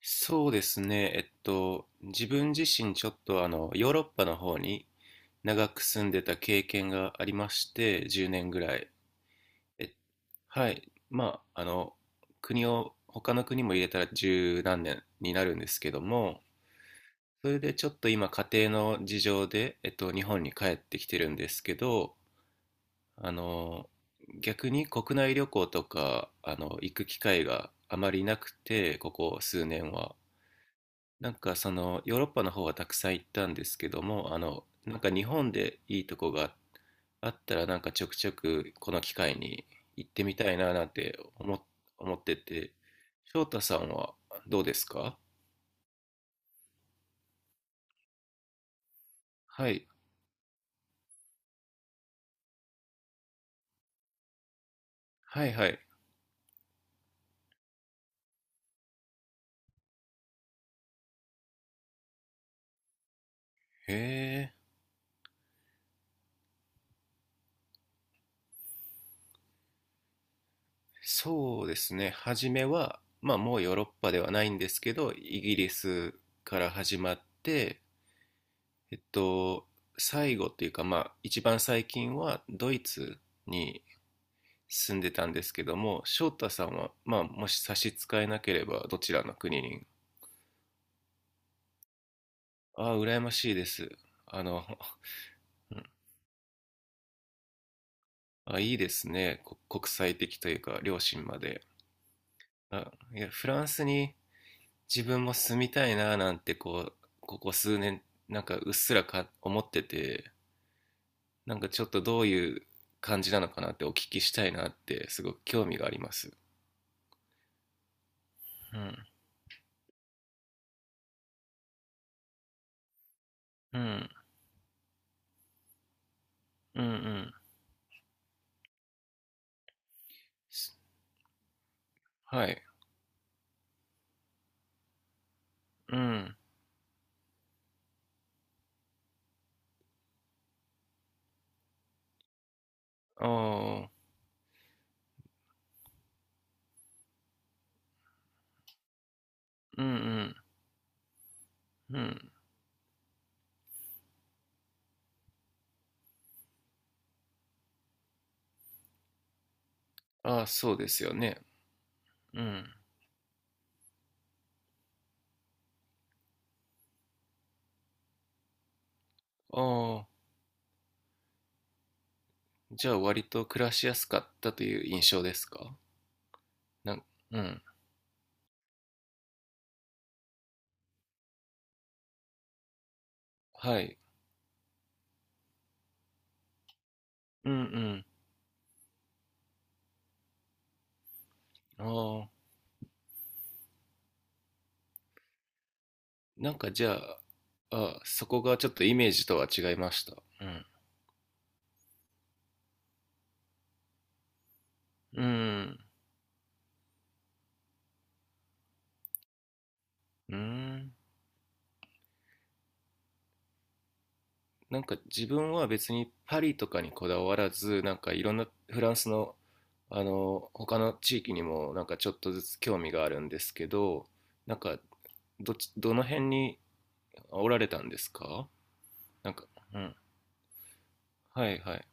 そうですね、自分自身ちょっとヨーロッパの方に長く住んでた経験がありまして、10年ぐらい。え、はい。国を、他の国も入れたら十何年になるんですけども、それでちょっと今家庭の事情で、日本に帰ってきてるんですけど、あの、逆に国内旅行とか、行く機会があまりなくて、ここ数年は。なんかそのヨーロッパの方はたくさん行ったんですけども、なんか日本でいいとこがあったらなんかちょくちょくこの機会に行ってみたいななんて思ってて、翔太さんはどうですか？はい、はいはい。へえ、そうですね。初めは、まあもうヨーロッパではないんですけど、イギリスから始まって、えっと、最後っていうかまあ一番最近はドイツに住んでたんですけども、翔太さんは、まあ、もし差し支えなければ、どちらの国に？ああ、羨ましいです。あの、うん。あ、いいですね。国際的というか、両親まで。あ、いや、フランスに自分も住みたいな、なんて、こう、ここ数年、なんかうっすら思ってて、なんかちょっとどういう感じなのかなってお聞きしたいなって、すごく興味があります。うん、うん、うん、うん。はい、うん、ああ、うん、うん。うん。ああ、そうですよね。うん。ああ、じゃあ割と暮らしやすかったという印象ですか？なん、うん。はい。うんうん。ああ、なんかじゃあ、あ、そこがちょっとイメージとは違いました。うん。うん。うん。なんか自分は別にパリとかにこだわらず、なんかいろんなフランスの、他の地域にもなんかちょっとずつ興味があるんですけど、なんかどっち、どの辺におられたんですか？なんか、うん。はいはい。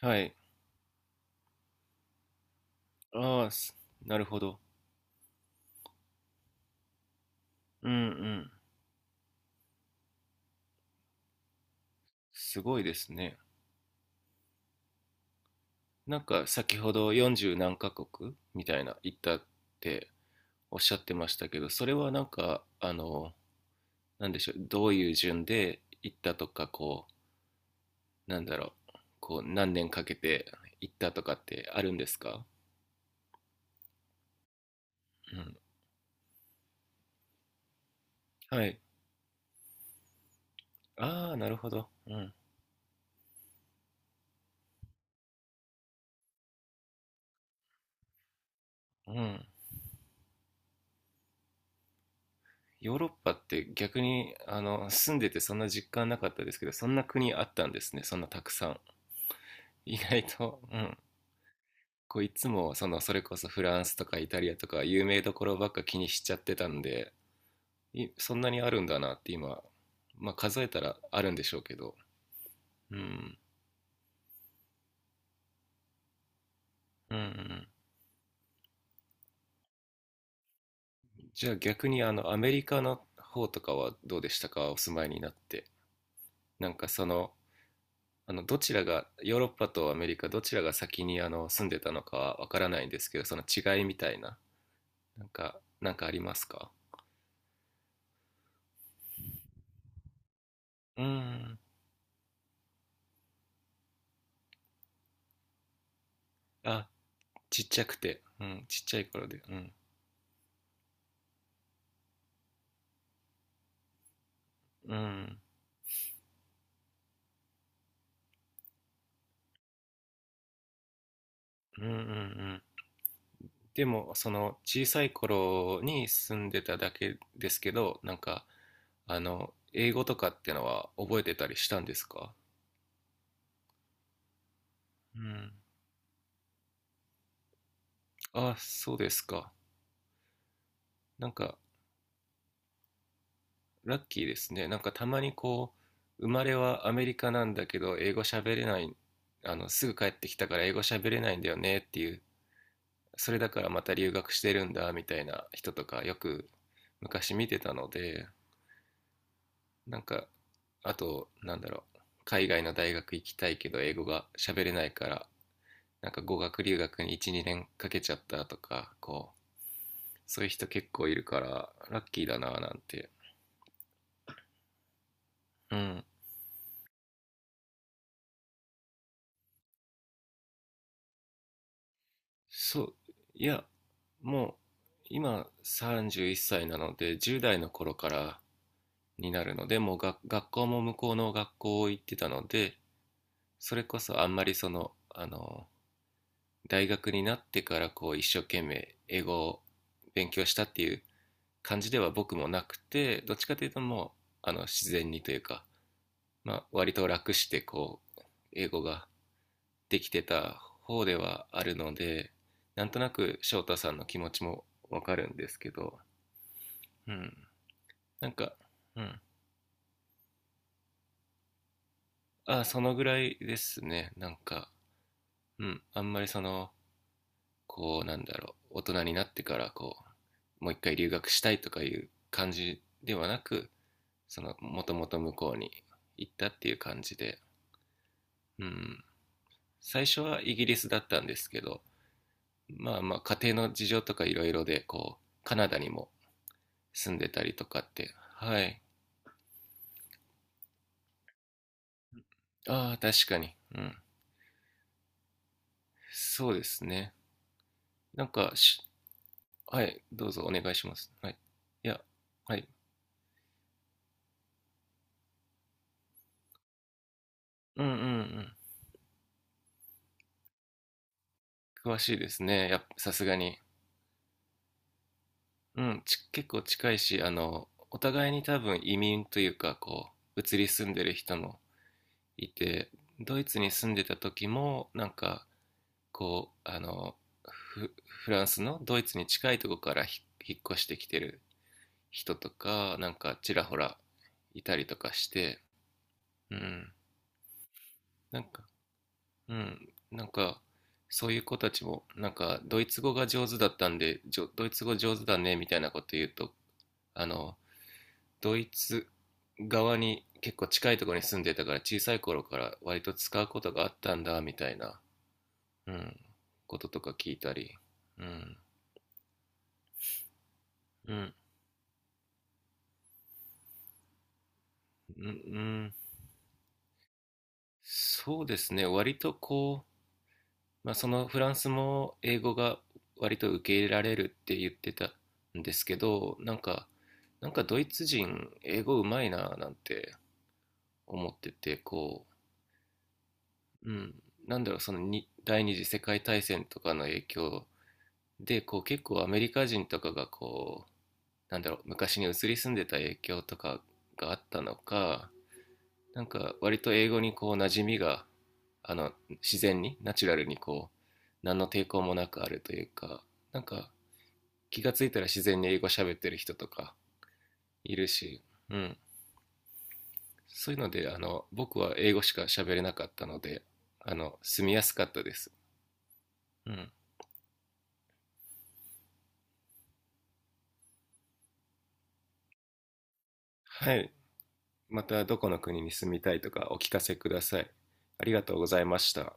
はい。ああ、なるほど。うんうん。すごいですね。なんか先ほど40何カ国みたいな行ったっておっしゃってましたけど、それはなんか、なんでしょう、どういう順で行ったとか、こう、なんだろう、こう、何年かけて行ったとかってあるんですか？うん。はい。ああ、なるほど。うん。うん。ヨーロッパって逆にあの住んでてそんな実感なかったですけど、そんな国あったんですね、そんなたくさん。意外と、うん。こう、いつもそのそれこそフランスとかイタリアとか有名どころばっか気にしちゃってたんで、そんなにあるんだなって今。まあ数えたらあるんでしょうけど。うんうんうん。じゃあ逆にあのアメリカの方とかはどうでしたか、お住まいになって？なんかそのどちらがヨーロッパとアメリカどちらが先にあの住んでたのかはわからないんですけど、その違いみたいななんか、なんかありますか？うーん。あ、ちっちゃくて、うん、ちっちゃい頃で、うん、うんうんうん、うん。でもその小さい頃に住んでただけですけど、なんか英語とかってのは覚えてたりしたんですか？うん。あ、そうですか。なんかラッキーですね。なんかたまにこう、生まれはアメリカなんだけど、英語喋れない、すぐ帰ってきたから英語喋れないんだよねっていう、それだからまた留学してるんだみたいな人とかよく昔見てたので、なんか、あと、なんだろう、海外の大学行きたいけど英語が喋れないから、なんか語学留学に1、2年かけちゃったとか、こう、そういう人結構いるから、ラッキーだなぁなんて、うん、そう、いや、もう今31歳なので10代の頃からになるので、もうが学校も向こうの学校行ってたので、それこそあんまりその、大学になってからこう一生懸命英語を勉強したっていう感じでは僕もなくて、どっちかというとあの自然にというか、まあ割と楽してこう英語がてきてた方ではあるので、なんとなく翔太さんの気持ちもわかるんですけど、うん、なんか、うん、ああそのぐらいですね、なんか、うん、あんまりそのこうなんだろう大人になってからこうもう一回留学したいとかいう感じではなく、そのもともと向こうに行ったっていう感じで、うん、最初はイギリスだったんですけど、まあまあ家庭の事情とかいろいろでこうカナダにも住んでたりとかって。はい。ああ、確かに。うん。そうですね。なんかし、はい、どうぞお願いします。はい。いや、はい。うんうんうん。詳しいですね。やっぱ、さすがに。うん、結構近いし、お互いに多分移民というか、こう、移り住んでる人もいて、ドイツに住んでた時も、なんか、こう、フランスのドイツに近いとこから引っ越してきてる人とかなんかちらほらいたりとかして、うん、なんか、うん、なんかそういう子たちもなんかドイツ語が上手だったんで、ドイツ語上手だねみたいなこと言うと、あのドイツ側に結構近いところに住んでたから小さい頃から割と使うことがあったんだみたいな、うん、こととか聞いたり、うん、うん、うん、うん、そうですね、割とこまあ、そのフランスも英語が割と受け入れられるって言ってたんですけど、なんか、なんかドイツ人英語うまいななんて思ってて、こう、うん、なんだろう、そのに第二次世界大戦とかの影響でこう結構アメリカ人とかがこうなんだろう昔に移り住んでた影響とかがあったのか、なんか割と英語にこう馴染みが、あの自然にナチュラルにこう何の抵抗もなくあるというか、なんか気がついたら自然に英語喋ってる人とかいるし、うん、そういうので僕は英語しか喋れなかったので、あの住みやすかったです、うん、はい。またどこの国に住みたいとかお聞かせください。ありがとうございました。